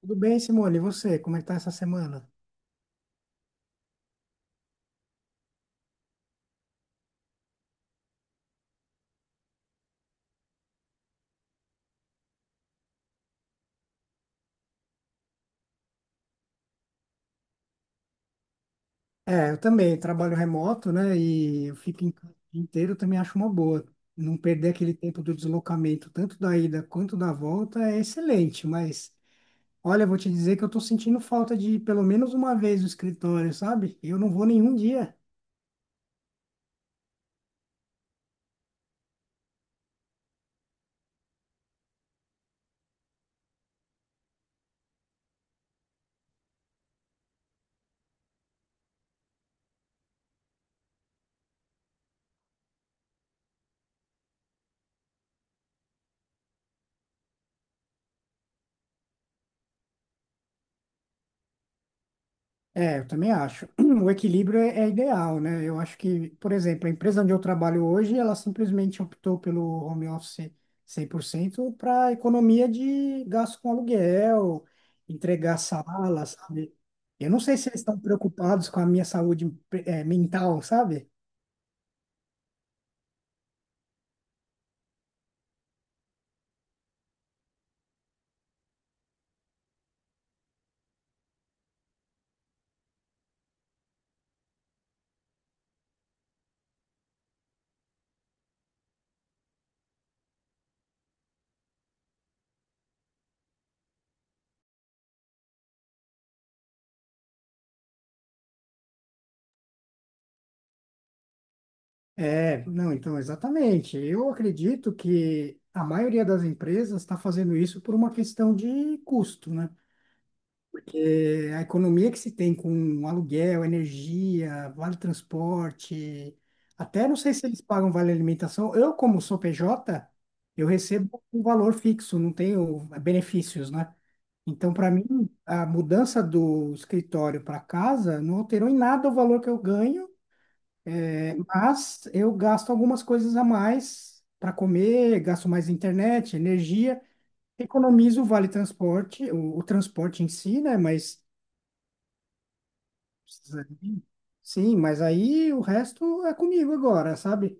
Tudo bem, Simone? E você? Como é que tá essa semana? É, eu também trabalho remoto, né? E eu fico em casa o dia inteiro, eu também acho uma boa. Não perder aquele tempo do deslocamento, tanto da ida quanto da volta, é excelente. Mas, olha, eu vou te dizer que eu tô sentindo falta de pelo menos uma vez no escritório, sabe? Eu não vou nenhum dia. É, eu também acho. O equilíbrio é ideal, né? Eu acho que, por exemplo, a empresa onde eu trabalho hoje, ela simplesmente optou pelo home office 100% para economia de gasto com aluguel, entregar salas, sabe? Eu não sei se eles estão preocupados com a minha saúde, mental, sabe? É, não, então, exatamente. Eu acredito que a maioria das empresas está fazendo isso por uma questão de custo, né? É, a economia que se tem com aluguel, energia, vale transporte, até não sei se eles pagam vale alimentação. Eu, como sou PJ, eu recebo um valor fixo, não tenho benefícios, né? Então, para mim, a mudança do escritório para casa não alterou em nada o valor que eu ganho, é, mas eu gasto algumas coisas a mais para comer, gasto mais internet, energia, economizo o vale transporte, o transporte em si, né? Mas precisa de mim? Sim, mas aí o resto é comigo agora, sabe?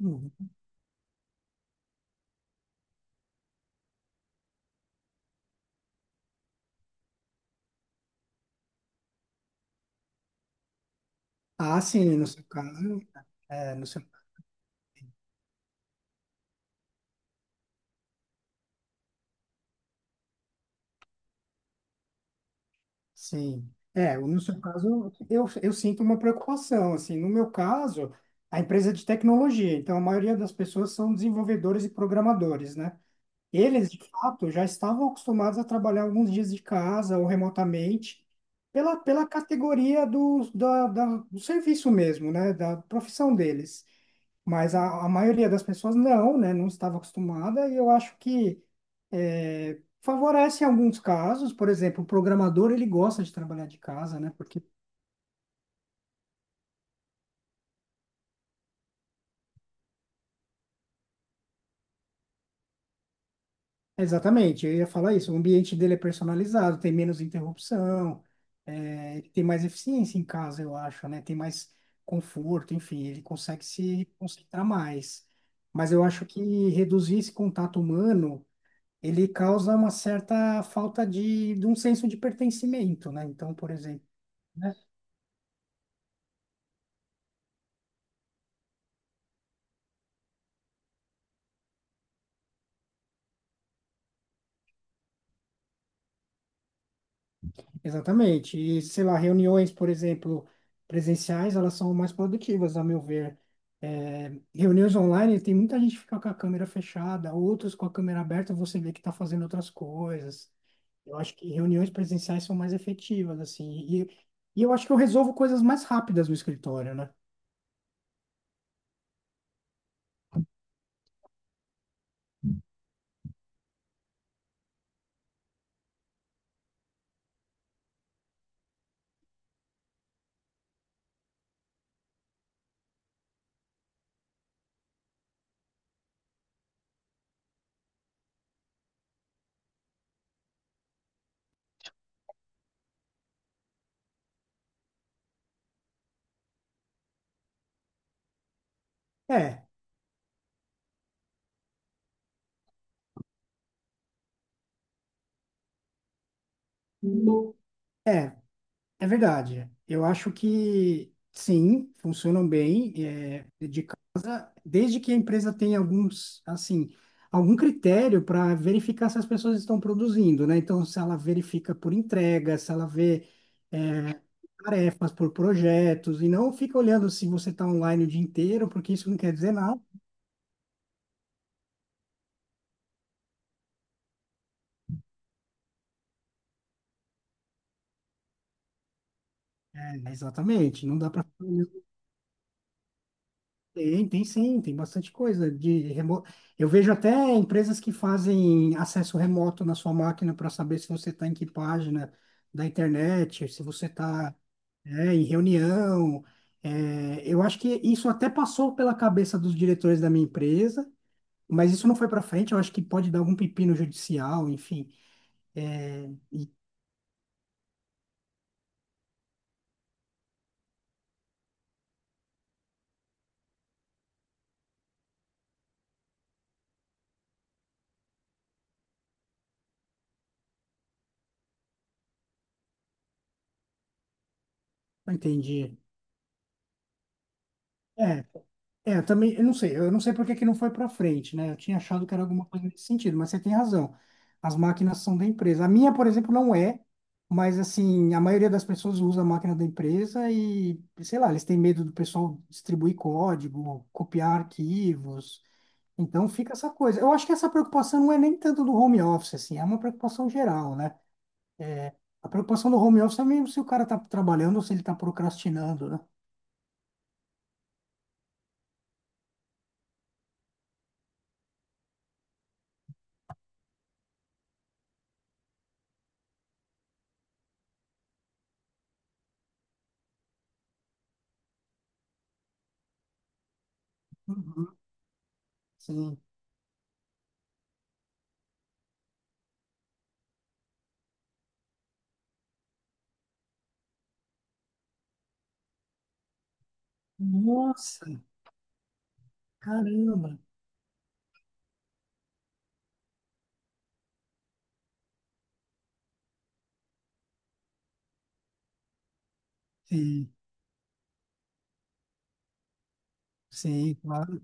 Uhum. Ah, sim, no seu caso. É, no seu, sim. É, no seu caso, eu sinto uma preocupação, assim. No meu caso, a empresa é de tecnologia, então a maioria das pessoas são desenvolvedores e programadores, né? Eles, de fato, já estavam acostumados a trabalhar alguns dias de casa ou remotamente, pela categoria do serviço mesmo, né? Da profissão deles. Mas a maioria das pessoas não, né? Não estava acostumada e eu acho que é, favorece em alguns casos. Por exemplo, o programador, ele gosta de trabalhar de casa, né? Porque, exatamente, eu ia falar isso, o ambiente dele é personalizado, tem menos interrupção, é, ele tem mais eficiência em casa, eu acho, né? Tem mais conforto, enfim, ele consegue se concentrar mais. Mas eu acho que reduzir esse contato humano ele causa uma certa falta de um senso de pertencimento, né? Então, por exemplo, né? Exatamente. E, sei lá, reuniões, por exemplo, presenciais, elas são mais produtivas, a meu ver. É, reuniões online, tem muita gente que fica com a câmera fechada, outros com a câmera aberta, você vê que está fazendo outras coisas. Eu acho que reuniões presenciais são mais efetivas, assim. E, e eu acho que eu resolvo coisas mais rápidas no escritório, né? É. É, é verdade. Eu acho que sim, funcionam bem, é, desde que a empresa tenha alguns, assim, algum critério para verificar se as pessoas estão produzindo, né? Então, se ela verifica por entrega, se ela vê, é, tarefas por projetos, e não fica olhando se você está online o dia inteiro, porque isso não quer dizer nada. É, exatamente, não dá para tem, tem sim, tem bastante coisa de remo... Eu vejo até empresas que fazem acesso remoto na sua máquina para saber se você está em que página da internet, se você está, né, em reunião. É, eu acho que isso até passou pela cabeça dos diretores da minha empresa, mas isso não foi para frente. Eu acho que pode dar algum pepino judicial, enfim. Entendi. É, eu também, eu não sei por que que não foi para frente, né? Eu tinha achado que era alguma coisa nesse sentido, mas você tem razão. As máquinas são da empresa. A minha, por exemplo, não é, mas assim, a maioria das pessoas usa a máquina da empresa e, sei lá, eles têm medo do pessoal distribuir código, copiar arquivos. Então fica essa coisa. Eu acho que essa preocupação não é nem tanto do home office, assim, é uma preocupação geral, né? A preocupação do home office é mesmo se o cara tá trabalhando ou se ele tá procrastinando, né? Uhum, sim. Nossa! Caramba! Sim, sim, claro.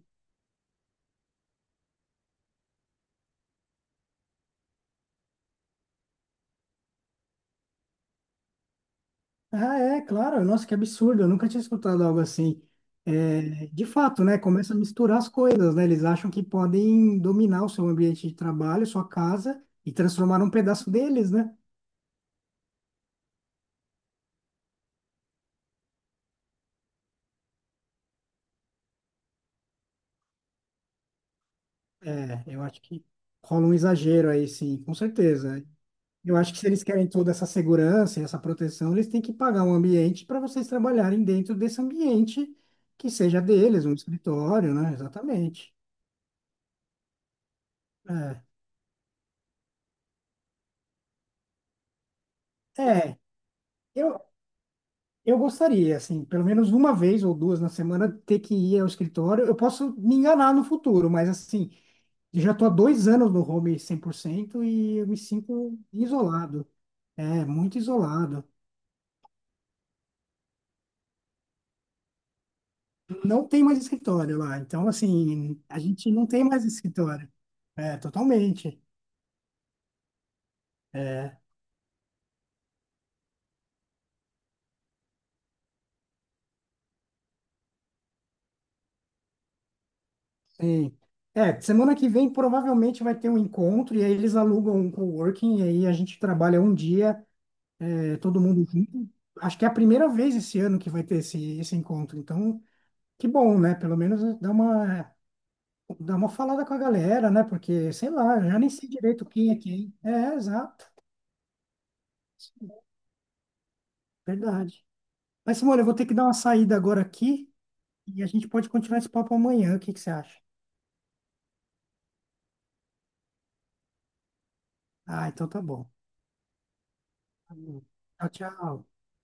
Ah, é, claro. Nossa, que absurdo. Eu nunca tinha escutado algo assim. É, de fato, né? Começa a misturar as coisas, né? Eles acham que podem dominar o seu ambiente de trabalho, sua casa, e transformar num pedaço deles, né? É, eu acho que rola um exagero aí, sim, com certeza. Eu acho que se eles querem toda essa segurança e essa proteção, eles têm que pagar um ambiente para vocês trabalharem dentro desse ambiente que seja deles, um escritório, né? Exatamente. É. É, Eu, eu gostaria, assim, pelo menos uma vez ou duas na semana ter que ir ao escritório. Eu posso me enganar no futuro, mas assim, eu já estou há 2 anos no home 100% e eu me sinto isolado. É, muito isolado. Não tem mais escritório lá. Então, assim, a gente não tem mais escritório. É, totalmente. Sim. É, semana que vem provavelmente vai ter um encontro e aí eles alugam um coworking e aí a gente trabalha um dia ter todo mundo junto. Acho que é a primeira vez esse ano que vai ter esse, esse encontro. Então, que bom, né? Pelo menos dá uma falada com a galera, né? Porque, sei lá, eu já nem sei direito quem. É, exato. Verdade. Mas, Simone, eu vou ter que dar uma saída agora aqui e a gente pode continuar esse papo amanhã. O que que você acha? Ah, então tá bom. Tá bom. Tchau, tchau.